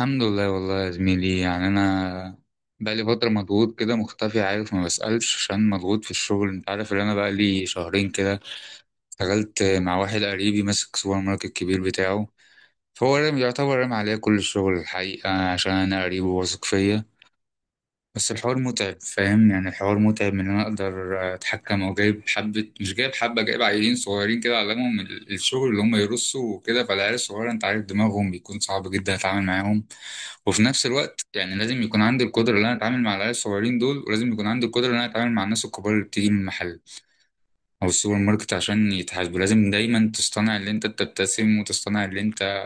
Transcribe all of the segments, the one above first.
الحمد لله، والله يا زميلي. يعني انا بقالي فتره مضغوط كده، مختفي، عارف، ما بسالش عشان مضغوط في الشغل. انت عارف ان انا بقالي شهرين كده اشتغلت مع واحد قريبي ماسك سوبر ماركت كبير بتاعه. فهو يعتبر رامي عليا كل الشغل الحقيقه عشان انا قريبه واثق فيا. بس الحوار متعب، فاهم؟ يعني الحوار متعب من ان انا اقدر اتحكم، او جايب حبة مش جايب حبة، جايب عيلين صغيرين كده علمهم الشغل اللي هم يرصوا وكده. فالعيال الصغيرة انت عارف دماغهم بيكون صعب جدا اتعامل معاهم. وفي نفس الوقت يعني لازم يكون عندي القدرة ان انا اتعامل مع العيال الصغيرين دول، ولازم يكون عندي القدرة ان انا اتعامل مع الناس الكبار اللي بتيجي من المحل او السوبر ماركت عشان يتحاسبوا. لازم دايما تصطنع اللي انت بتبتسم وتصطنع اللي انت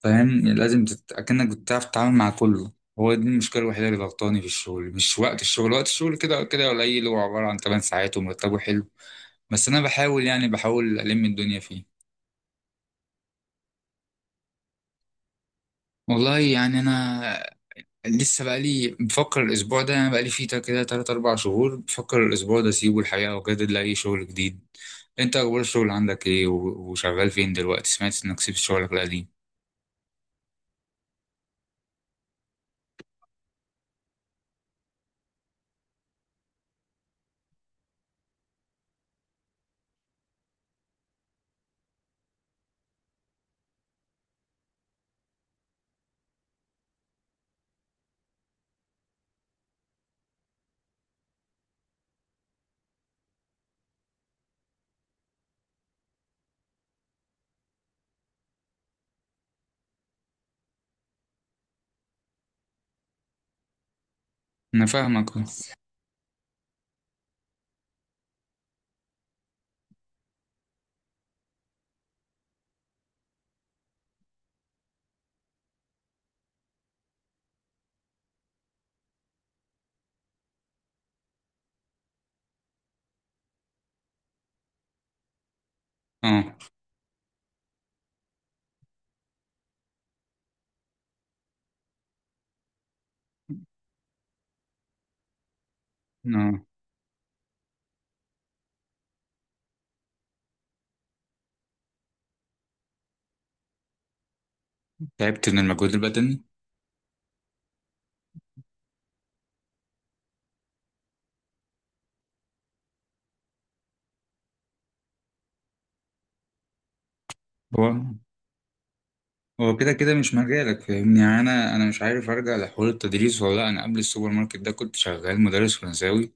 فاهم، يعني لازم اكنك بتعرف تتعامل مع كله. هو دي المشكله الوحيده اللي ضغطاني في الشغل. مش وقت الشغل، وقت الشغل كده كده قليل، هو عباره عن 8 ساعات ومرتبه حلو. بس انا بحاول، يعني بحاول الم الدنيا فيه. والله يعني انا لسه بقالي بفكر الاسبوع ده، انا بقالي فيه كده 3 4 شهور بفكر الاسبوع ده اسيبه الحقيقه واجدد لاي شغل جديد. انت اخبار الشغل عندك ايه؟ وشغال فين دلوقتي؟ سمعت انك سبت شغلك القديم. انا فاهمك. اه. اه، تعبت من المجهود البدني. هو كده كده مش مجالك، فاهمني؟ يعني انا مش عارف ارجع لحوار التدريس ولا لا. انا قبل السوبر ماركت ده كنت شغال مدرس فرنساوي،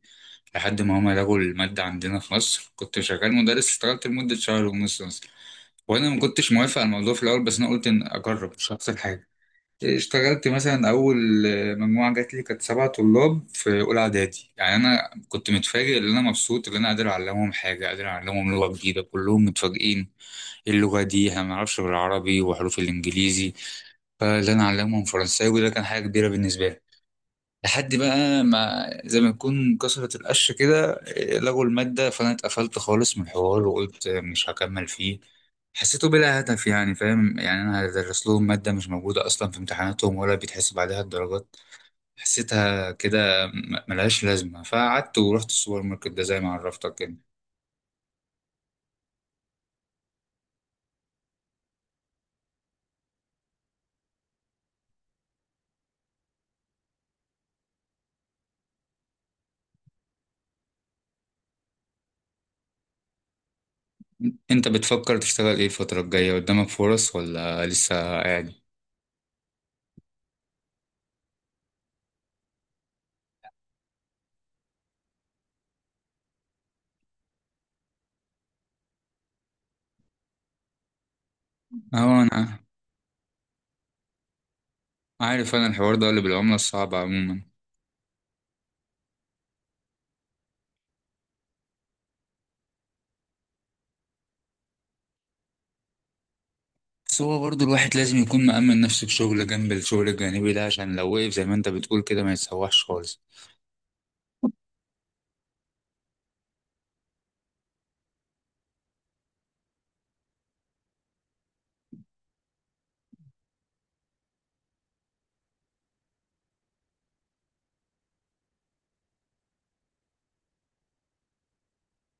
لحد ما هما لغوا المادة عندنا في مصر. كنت شغال مدرس، اشتغلت لمدة شهر ونص مثلا. وانا ما كنتش موافق على الموضوع في الاول، بس انا قلت ان اجرب مش هخسر حاجة. اشتغلت مثلا اول مجموعة جات لي كانت سبع طلاب في اولى اعدادي. يعني انا كنت متفاجئ ان انا مبسوط ان انا قادر اعلمهم حاجة، قادر اعلمهم لغة جديدة، كلهم متفاجئين: إيه اللغة دي؟ احنا ما نعرفش غير عربي وحروف الانجليزي. فاللي انا علمهم فرنساوي ده كان حاجه كبيره بالنسبه لي. لحد بقى ما زي ما يكون كسرت القش كده، لغوا الماده، فانا اتقفلت خالص من الحوار وقلت مش هكمل فيه. حسيته بلا هدف، يعني فاهم؟ يعني انا هدرس لهم ماده مش موجوده اصلا في امتحاناتهم ولا بيتحسب عليها الدرجات. حسيتها كده ملهاش لازمه، فقعدت ورحت السوبر ماركت ده زي ما عرفتك كده. انت بتفكر تشتغل ايه الفتره الجايه؟ قدامك فرص ولا لسه قاعد؟ اهو. انا عارف انا الحوار ده اللي بالعملة الصعبة عموما. بس هو برضه الواحد لازم يكون مأمن نفسه بشغل جنب الشغل الجانبي ده، عشان لو وقف زي ما انت بتقول كده ما يتسوحش خالص.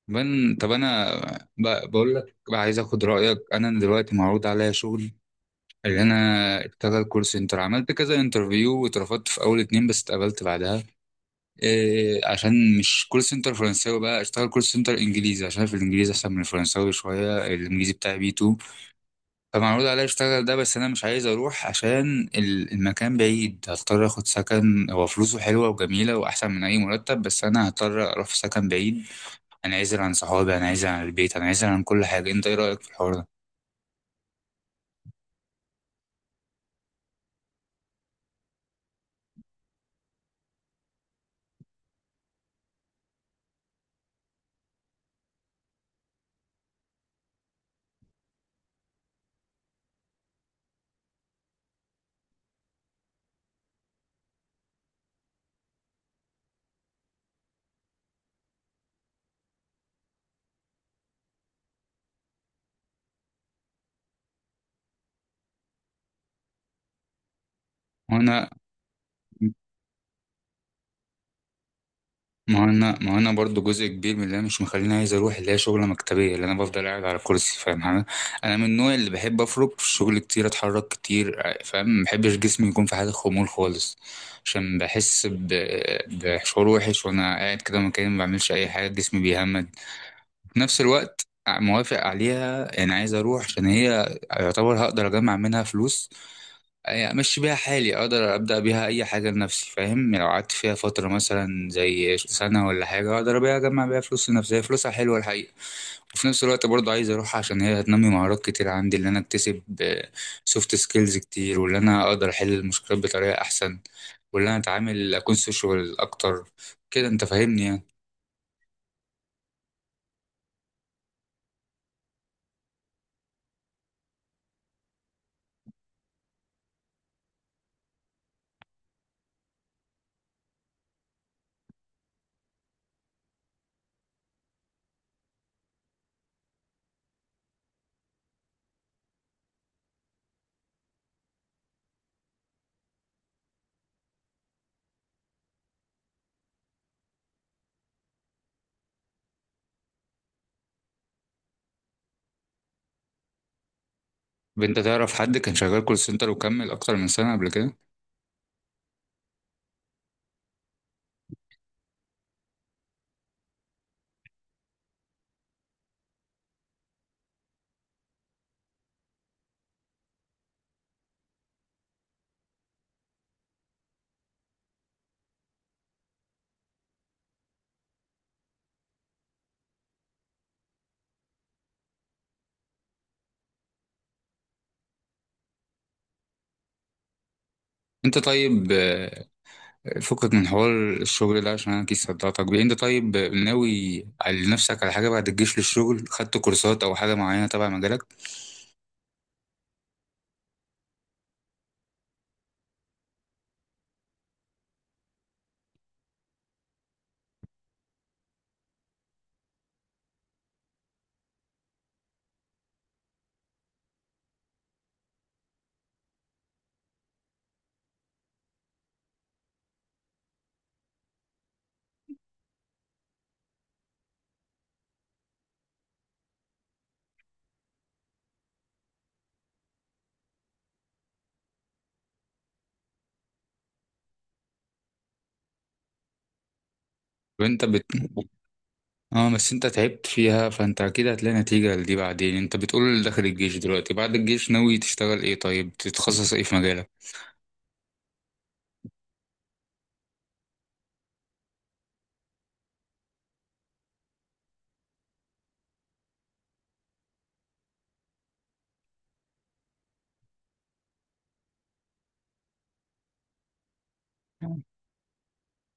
طب انا بقول لك بقى، عايز اخد رأيك. انا دلوقتي معروض عليا شغل اللي انا اشتغل كول سنتر. عملت كذا انترفيو واترفضت في اول اتنين بس اتقبلت بعدها. إيه عشان مش كول سنتر فرنساوي بقى، اشتغل كول سنتر انجليزي عشان في الانجليزي احسن من الفرنساوي شوية. الانجليزي بتاعي بي 2. طب معروض عليا اشتغل ده، بس انا مش عايز اروح عشان المكان بعيد. هضطر اخد سكن. هو فلوسه حلوه وجميله واحسن من اي مرتب، بس انا هضطر اروح في سكن بعيد. انا عايز عن صحابي، انا عايز عن البيت، انا عايز عن كل حاجه. انت ايه رايك في الحوار ده؟ وانا ما هو انا برضو جزء كبير من اللي انا مش مخليني عايز اروح اللي هي شغله مكتبيه، اللي انا بفضل قاعد على كرسي فاهم حاجه. انا من النوع اللي بحب اخرج في الشغل كتير، اتحرك كتير فاهم. ما بحبش جسمي يكون في حاله خمول خالص، عشان بحس بشعور وحش وانا قاعد كده مكاني ما بعملش اي حاجه، جسمي بيهمد. في نفس الوقت موافق عليها، يعني عايز اروح عشان هي يعتبر هقدر اجمع منها فلوس. يعني امشي بيها حالي، اقدر ابدا بيها اي حاجه لنفسي. فاهم يعني لو قعدت فيها فتره مثلا زي سنه ولا حاجه اقدر بيها اجمع بيها فلوس لنفسي. هي فلوسها حلوه الحقيقه. وفي نفس الوقت برضه عايز اروح عشان هي هتنمي مهارات كتير عندي، اللي انا اكتسب سوفت سكيلز كتير، واللي انا اقدر احل المشكلات بطريقه احسن، واللي انا اتعامل اكون سوشيال اكتر. كده انت فاهمني يعني. طب انت تعرف حد كان شغال كول سنتر وكمل اكتر من سنه قبل كده؟ انت طيب، فكك من حوار الشغل ده عشان انا كيس صدعتك بيه. انت طيب ناوي على نفسك على حاجه بعد الجيش للشغل؟ خدت كورسات او حاجه معينه تبع مجالك؟ وانت بت اه، بس انت تعبت فيها فانت اكيد هتلاقي نتيجه لدي بعدين. انت بتقول داخل الجيش دلوقتي؟ بعد الجيش ناوي تشتغل ايه؟ طيب تتخصص ايه في مجالك؟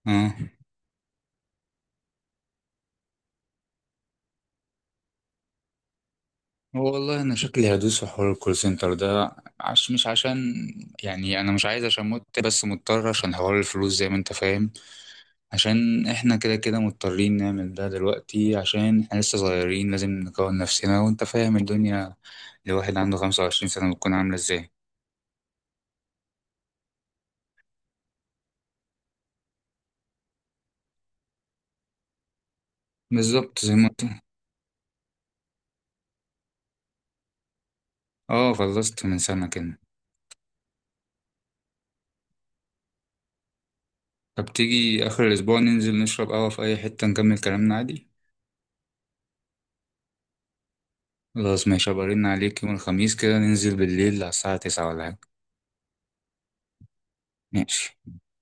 اه. والله انا شكلي هدوس في حوار الكول سنتر ده، مش عشان يعني انا مش عايز عشان بس مضطر عشان حوار الفلوس زي ما انت فاهم. عشان احنا كده كده مضطرين نعمل ده دلوقتي عشان احنا لسه صغيرين، لازم نكون نفسنا. وانت فاهم الدنيا لواحد عنده 25 سنة بتكون عاملة ازاي. بالظبط زي ما قلت. اه، خلصت من سنة كده. طب تيجي آخر الأسبوع ننزل نشرب قهوة في أي حتة نكمل كلامنا عادي؟ خلاص ماشي، هبقى ارن عليك يوم الخميس كده ننزل بالليل على الساعة 9 ولا حاجة. ماشي.